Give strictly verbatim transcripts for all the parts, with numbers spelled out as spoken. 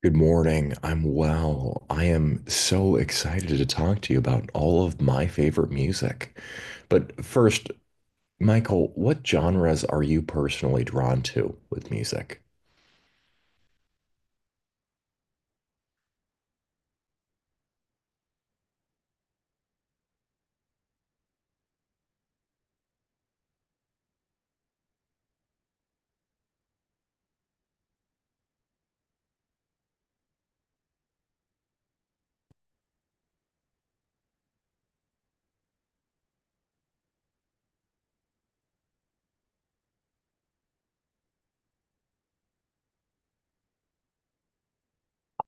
Good morning. I'm well. I am so excited to talk to you about all of my favorite music. But first, Michael, what genres are you personally drawn to with music?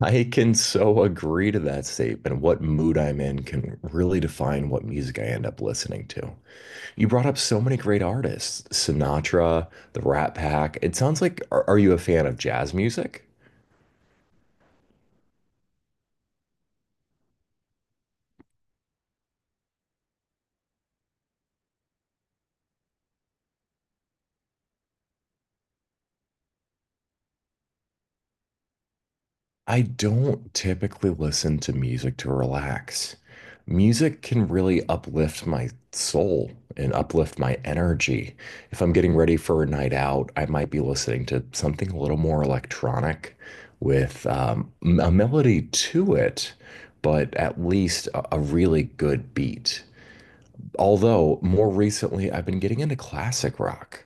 I can so agree to that statement. What mood I'm in can really define what music I end up listening to. You brought up so many great artists, Sinatra, the Rat Pack. It sounds like, are, are you a fan of jazz music? I don't typically listen to music to relax. Music can really uplift my soul and uplift my energy. If I'm getting ready for a night out, I might be listening to something a little more electronic with um, m- a melody to it, but at least a, a really good beat. Although more recently, I've been getting into classic rock.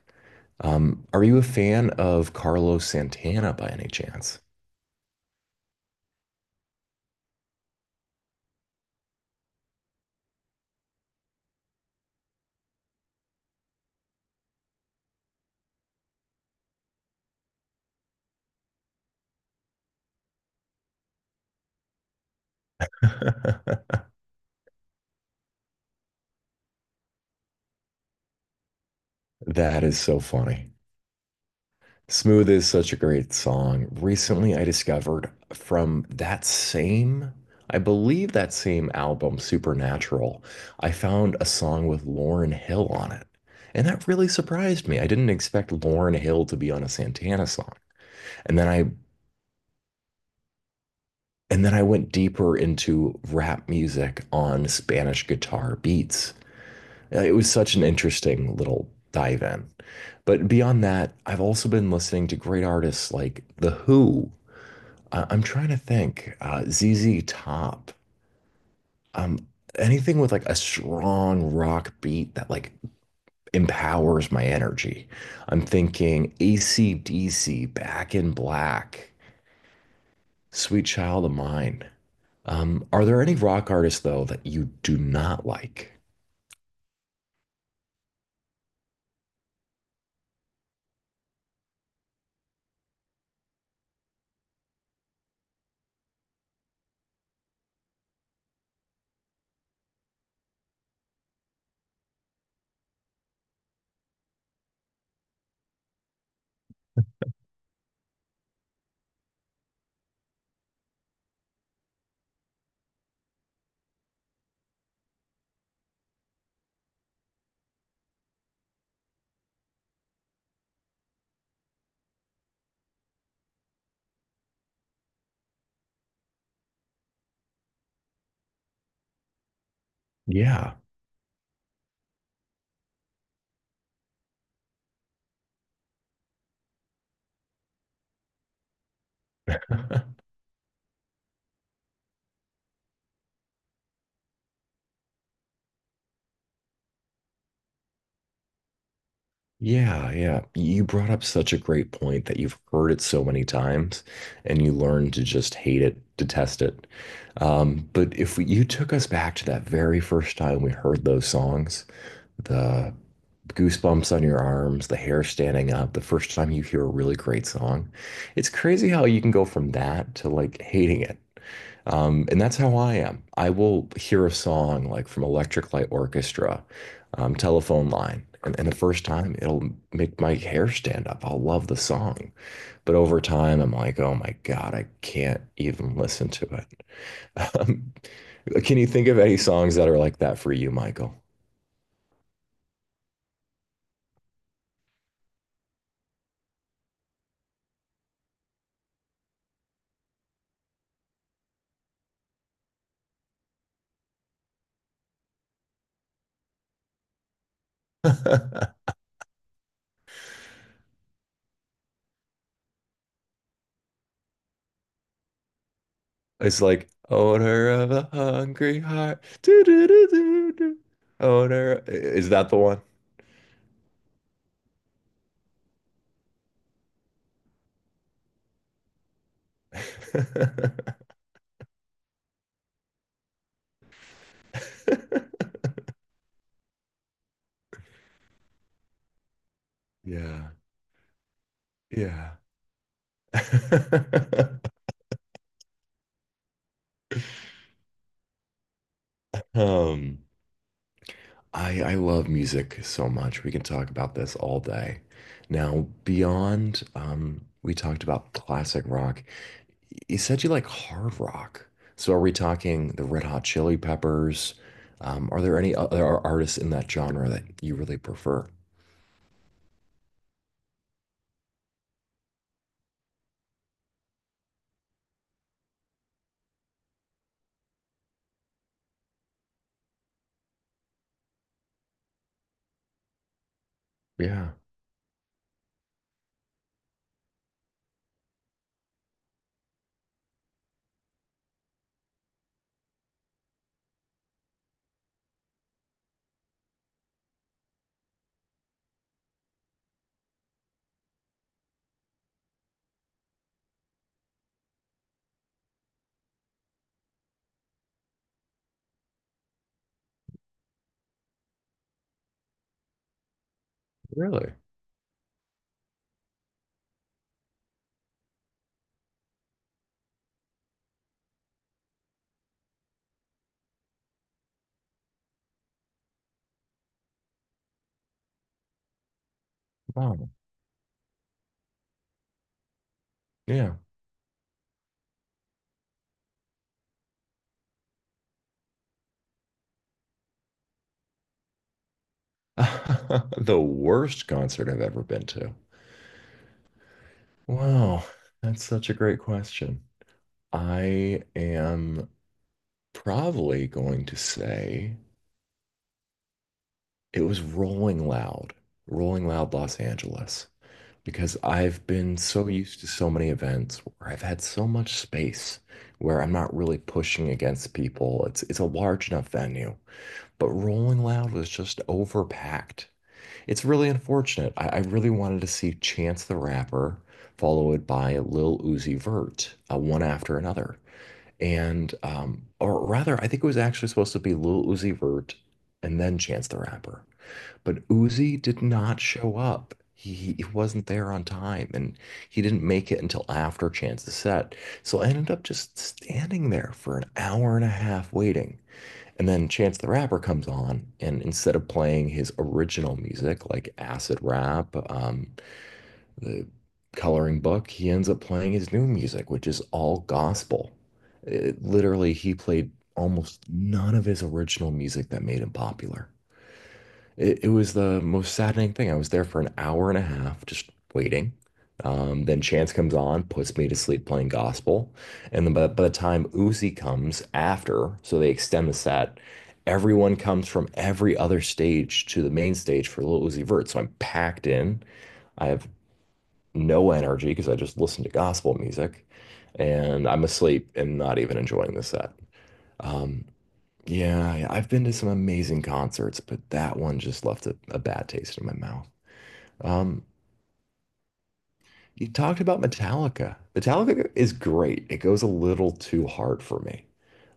Um, are you a fan of Carlos Santana by any chance? That is so funny. Smooth is such a great song. Recently, I discovered from that same, I believe that same album, Supernatural, I found a song with Lauren Hill on it. And that really surprised me. I didn't expect Lauren Hill to be on a Santana song. And then I and then I went deeper into rap music on Spanish guitar beats. Uh, It was such an interesting little dive in. But beyond that, I've also been listening to great artists like The Who. I- I'm trying to think, uh, Z Z Top. Um, anything with like a strong rock beat that like empowers my energy. I'm thinking A C/D C, Back in Black, Sweet Child of Mine. Um, are there any rock artists though that you do not like? Yeah. Yeah, yeah. You brought up such a great point that you've heard it so many times and you learn to just hate it, detest it. Um, but if we, you took us back to that very first time we heard those songs, the goosebumps on your arms, the hair standing up, the first time you hear a really great song, it's crazy how you can go from that to like hating it. Um, and that's how I am. I will hear a song like from Electric Light Orchestra, um, Telephone Line, and, and the first time it'll make my hair stand up. I'll love the song. But over time, I'm like, oh my God, I can't even listen to it. Um, can you think of any songs that are like that for you, Michael? It's like, odor of a hungry heart. Do, do, do, do, do. Odor. Is that the one? Yeah. Yeah. Um, I I love music so much. We can talk about this all day. Now, beyond um, we talked about classic rock. You said you like hard rock. So are we talking the Red Hot Chili Peppers? Um, are there any other artists in that genre that you really prefer? Yeah, really? Wow. Yeah. The worst concert I've ever been to. Wow, that's such a great question. I am probably going to say it was Rolling Loud, Rolling Loud Los Angeles, because I've been so used to so many events where I've had so much space where I'm not really pushing against people. It's it's a large enough venue, but Rolling Loud was just overpacked. It's really unfortunate. I, I really wanted to see Chance the Rapper followed by Lil Uzi Vert, uh, one after another. And um, or rather, I think it was actually supposed to be Lil Uzi Vert and then Chance the Rapper, but Uzi did not show up. He, he wasn't there on time, and he didn't make it until after Chance's set. So I ended up just standing there for an hour and a half waiting. And then Chance the Rapper comes on, and instead of playing his original music like acid rap, um, the coloring book, he ends up playing his new music, which is all gospel. It- literally, he played almost none of his original music that made him popular. It, it was the most saddening thing. I was there for an hour and a half just waiting. Um, then Chance comes on, puts me to sleep playing gospel. And then by, by the time Uzi comes after, so they extend the set, everyone comes from every other stage to the main stage for Lil Uzi Vert. So I'm packed in. I have no energy because I just listen to gospel music and I'm asleep and not even enjoying the set. Um, yeah, yeah, I've been to some amazing concerts, but that one just left a, a bad taste in my mouth. Um, you talked about Metallica. Metallica is great. It goes a little too hard for me.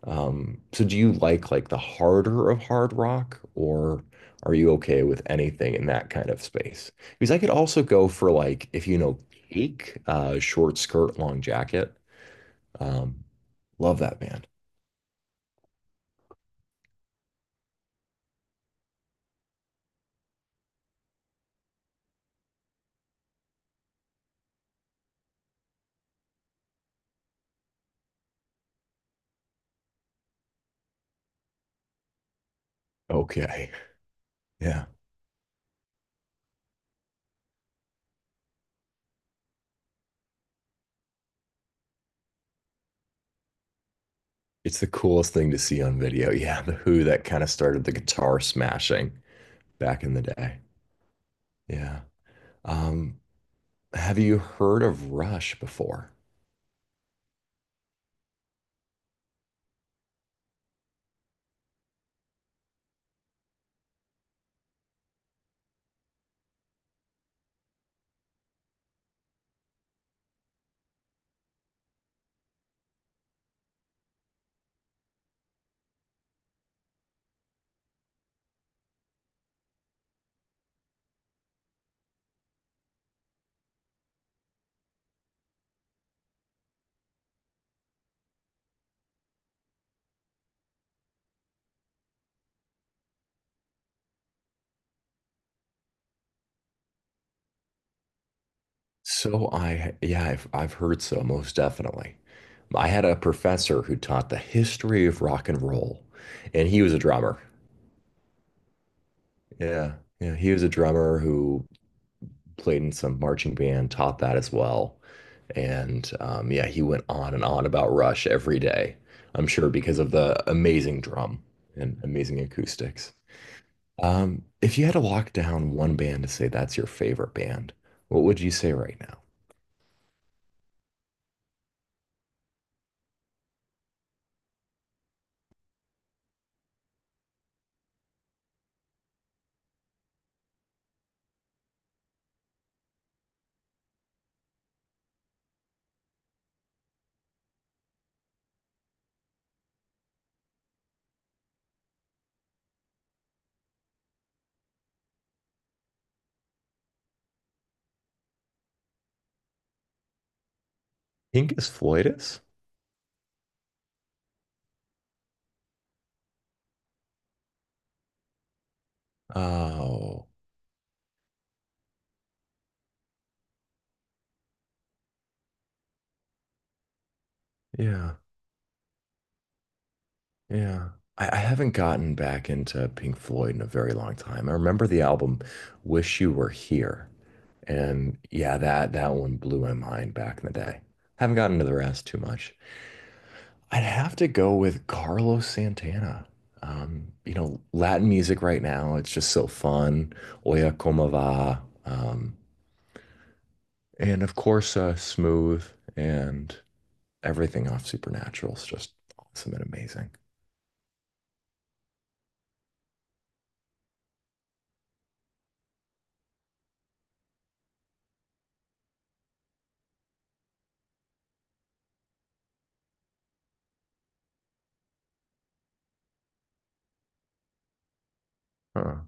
Um, so do you like like the harder of hard rock or are you okay with anything in that kind of space? Because I could also go for like if you know Cake, uh, short skirt, long jacket. Um, love that band. Okay. Yeah. It's the coolest thing to see on video. Yeah, the Who that kind of started the guitar smashing back in the day. Yeah. Um, have you heard of Rush before? So I, yeah, I've, I've heard so, most definitely. I had a professor who taught the history of rock and roll, and he was a drummer. Yeah, yeah, he was a drummer who played in some marching band, taught that as well. And um, yeah, he went on and on about Rush every day, I'm sure because of the amazing drum and amazing acoustics. Um, if you had to lock down one band to say that's your favorite band, what would you say right now? Pincus floidus? Oh, yeah, yeah. I, I haven't gotten back into Pink Floyd in a very long time. I remember the album Wish You Were Here. And yeah, that that one blew my mind back in the day. Haven't gotten to the rest too much. I'd have to go with Carlos Santana. Um, you know, Latin music right now, it's just so fun. Oya como va. Um, And of course, uh, Smooth and everything off Supernatural is just awesome and amazing. Huh.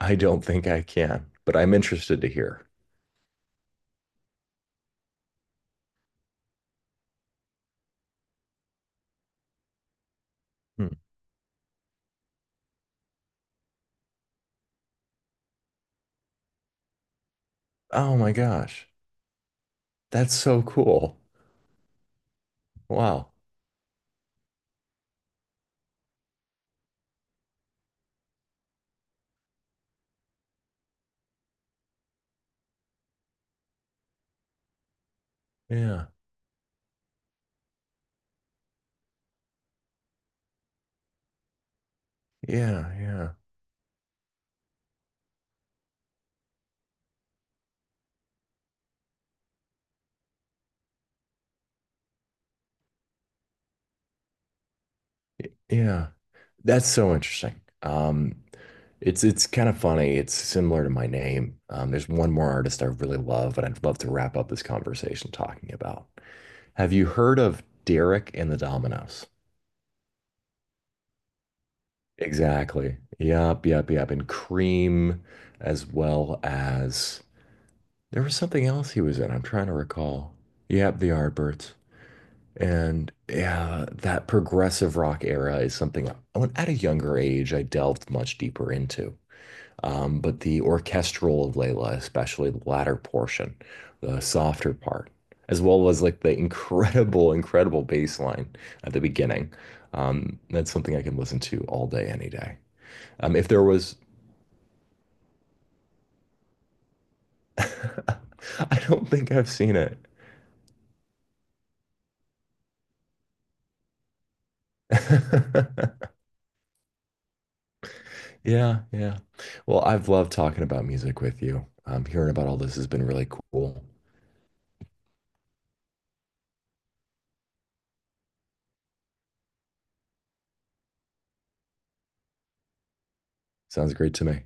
I don't think I can, but I'm interested to hear. Hmm. Oh my gosh. That's so cool. Wow. Yeah. Yeah. Yeah. Yeah. That's so interesting. Um, it's it's kind of funny. It's similar to my name. Um, there's one more artist I really love, and I'd love to wrap up this conversation talking about. Have you heard of Derek and the Dominoes? Exactly. Yep, yep, yep. And Cream, as well as there was something else he was in. I'm trying to recall. Yep, the Yardbirds. And yeah, that progressive rock era is something I went at a younger age, I delved much deeper into. Um, but the orchestral of Layla, especially the latter portion, the softer part, as well as like the incredible, incredible bass line at the beginning. Um, that's something I can listen to all day, any day. Um, if there was, I don't think I've seen it. Yeah, yeah. Well, I've loved talking about music with you. Um, hearing about all this has been really cool. Sounds great to me.